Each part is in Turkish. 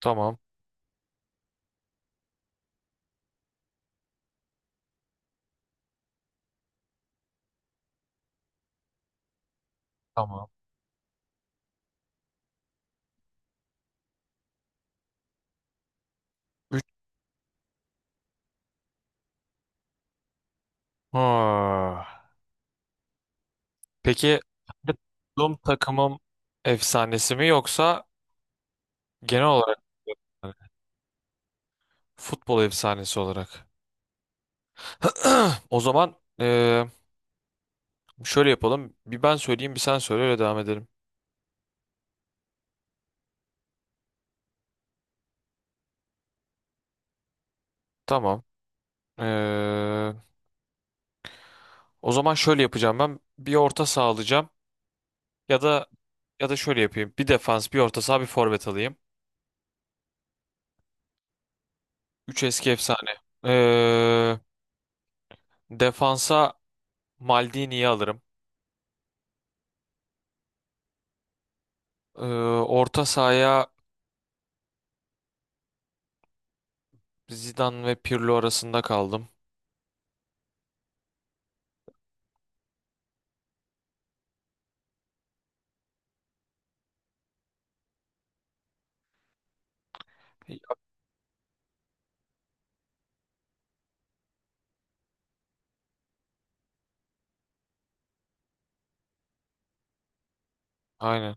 Tamam. Tamam. Üç. Ha. Peki kendi bulunduğum takımım efsanesi mi yoksa genel olarak mı? Futbol efsanesi olarak? O zaman eee, şöyle yapalım. Bir ben söyleyeyim, bir sen söyle, öyle devam edelim. Tamam. Eee, O zaman şöyle yapacağım ben. Bir orta saha alacağım ya da şöyle yapayım. Bir defans, bir orta saha, bir forvet alayım. Üç eski efsane. Eee, Defansa Maldini'yi alırım. Ee, Orta sahaya Zidane ve Pirlo arasında kaldım. Aynen.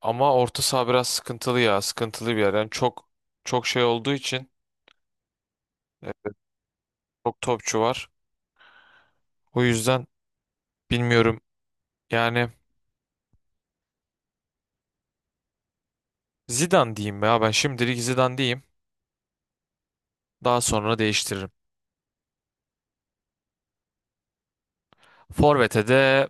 Ama orta saha biraz sıkıntılı ya. Sıkıntılı bir yer. Yani çok şey olduğu için e, çok topçu var. O yüzden bilmiyorum. Yani Zidane diyeyim ya. Ben şimdilik Zidane diyeyim. Daha sonra değiştiririm. Forvet'e de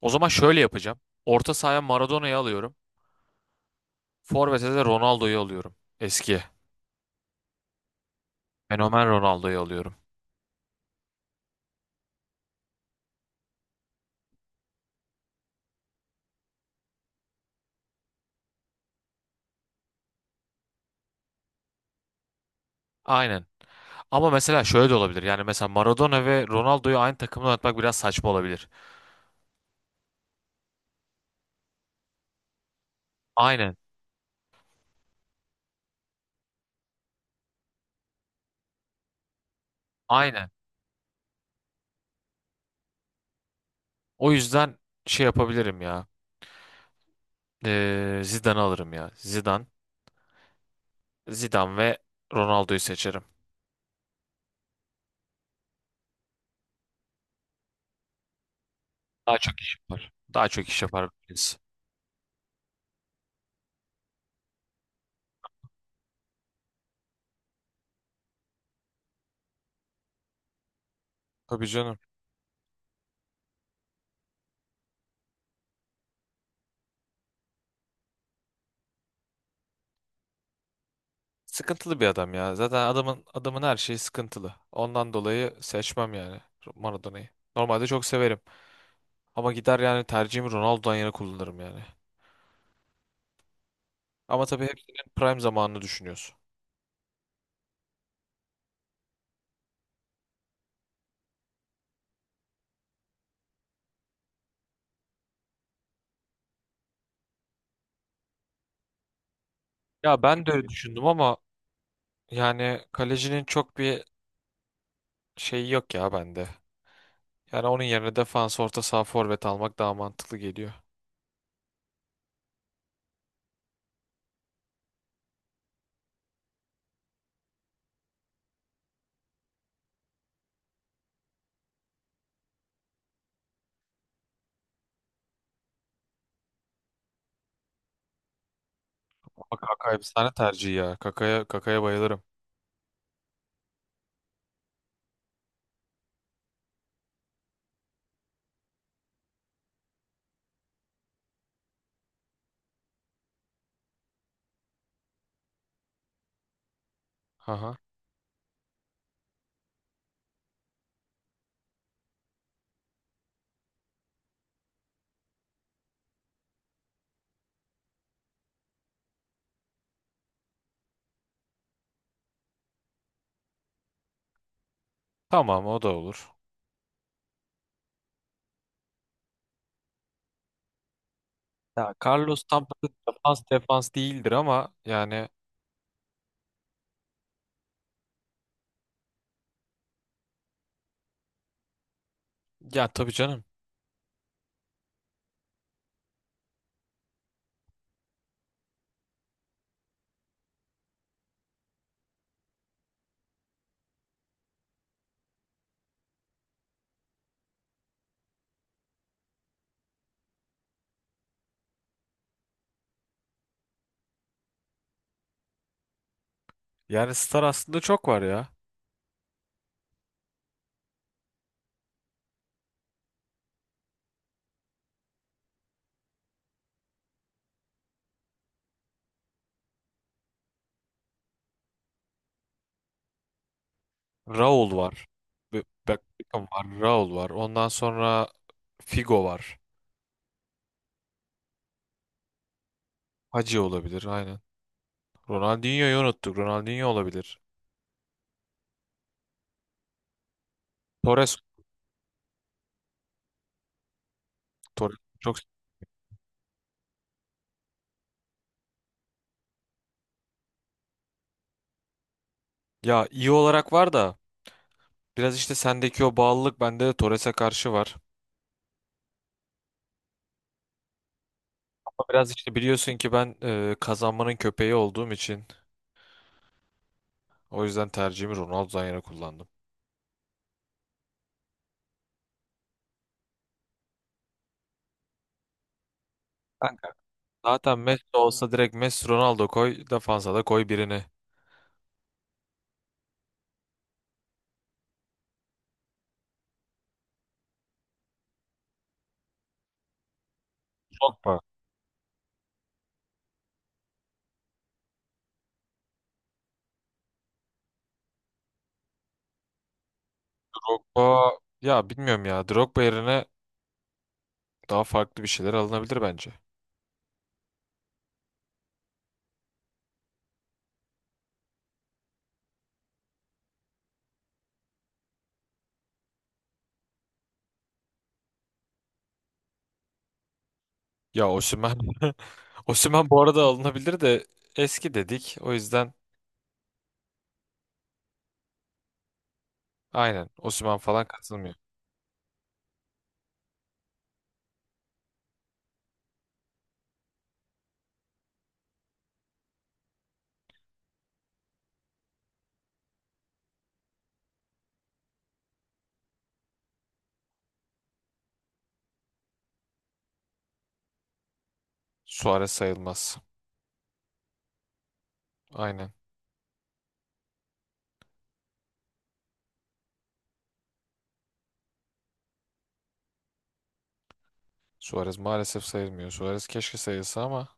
o zaman şöyle yapacağım. Orta sahaya Maradona'yı alıyorum. Forvet'e de Ronaldo'yu alıyorum. Eski. Fenomen Ronaldo'yu alıyorum. Aynen. Ama mesela şöyle de olabilir. Yani mesela Maradona ve Ronaldo'yu aynı takımda oynatmak biraz saçma olabilir. Aynen. Aynen. O yüzden şey yapabilirim ya. Zidane'ı alırım ya. Zidane. Zidane ve Ronaldo'yu seçerim. Daha çok iş yapar. Daha çok iş yapar biz. Tabii canım. Sıkıntılı bir adam ya. Zaten adamın her şeyi sıkıntılı. Ondan dolayı seçmem yani Maradona'yı. Normalde çok severim. Ama gider yani tercihimi Ronaldo'dan yana kullanırım yani. Ama tabii hepsinin prime zamanını düşünüyorsun. Ya ben de öyle düşündüm ama yani kalecinin çok bir şeyi yok ya bende. Yani onun yerine defans, orta saha, forvet almak daha mantıklı geliyor. Ama Kaka efsane tercih ya. Kaka'ya bayılırım. Aha. Tamam, o da olur. Ya Carlos Tampa'da defans değildir ama yani ya tabii canım. Yani star aslında çok var ya. Raul var. Beckham var. Raul var. Ondan sonra Figo var. Hacı olabilir, aynen. Ronaldinho'yu unuttuk. Ronaldinho olabilir. Torres, Torres çok ya iyi olarak var da biraz işte sendeki o bağlılık bende de Torres'e karşı var. Ama biraz işte biliyorsun ki ben, kazanmanın köpeği olduğum için o yüzden tercihimi Ronaldo'dan yana kullandım. Kanka, zaten Messi olsa direkt Messi Ronaldo koy, defansa da koy birini. Drogba. Drogba ya bilmiyorum ya, Drogba yerine daha farklı bir şeyler alınabilir bence. Ya Osimhen Osimhen bu arada alınabilir de eski dedik. O yüzden aynen Osimhen falan katılmıyor. Suarez sayılmaz. Aynen. Suarez maalesef sayılmıyor. Suarez keşke sayılsa ama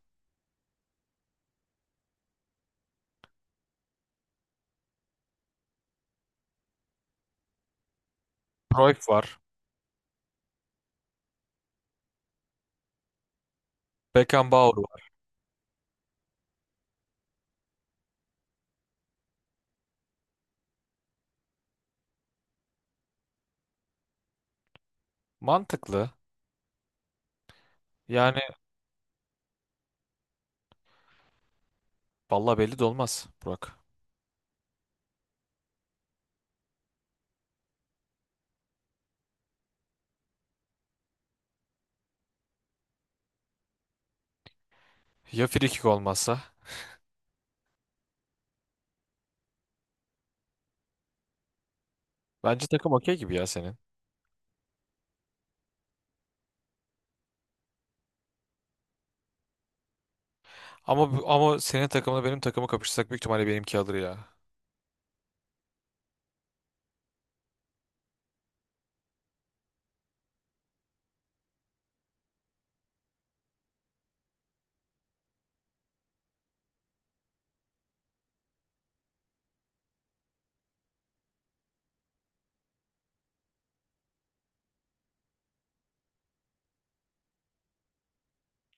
Cruyff var. Beckenbauer var. Mantıklı. Yani valla belli de olmaz Burak. Ya frikik olmazsa? Bence takım okey gibi ya senin. Ama ama senin takımla benim takımı kapışsak büyük ihtimalle benimki alır ya.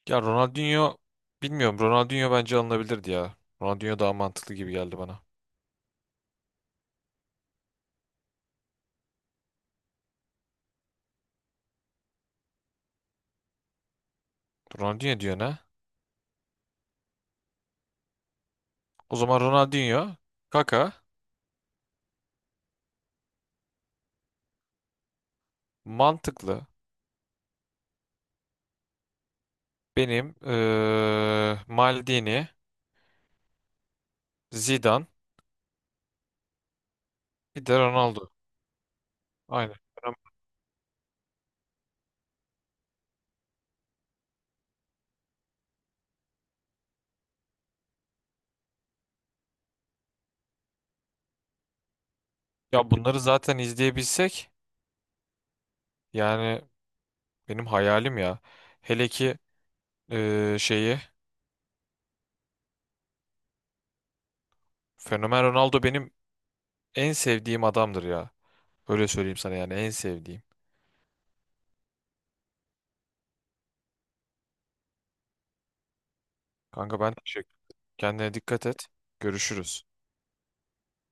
Ya Ronaldinho bilmiyorum. Ronaldinho bence alınabilirdi ya. Ronaldinho daha mantıklı gibi geldi bana. Ronaldinho diyor ne? O zaman Ronaldinho, Kaka, mantıklı. Benim Maldini, Zidane, bir de Ronaldo. Aynen. Ya bunları zaten izleyebilsek yani benim hayalim ya. Hele ki şeyi Fenomen Ronaldo benim en sevdiğim adamdır ya. Öyle söyleyeyim sana yani en sevdiğim. Kanka ben teşekkür. Kendine dikkat et. Görüşürüz.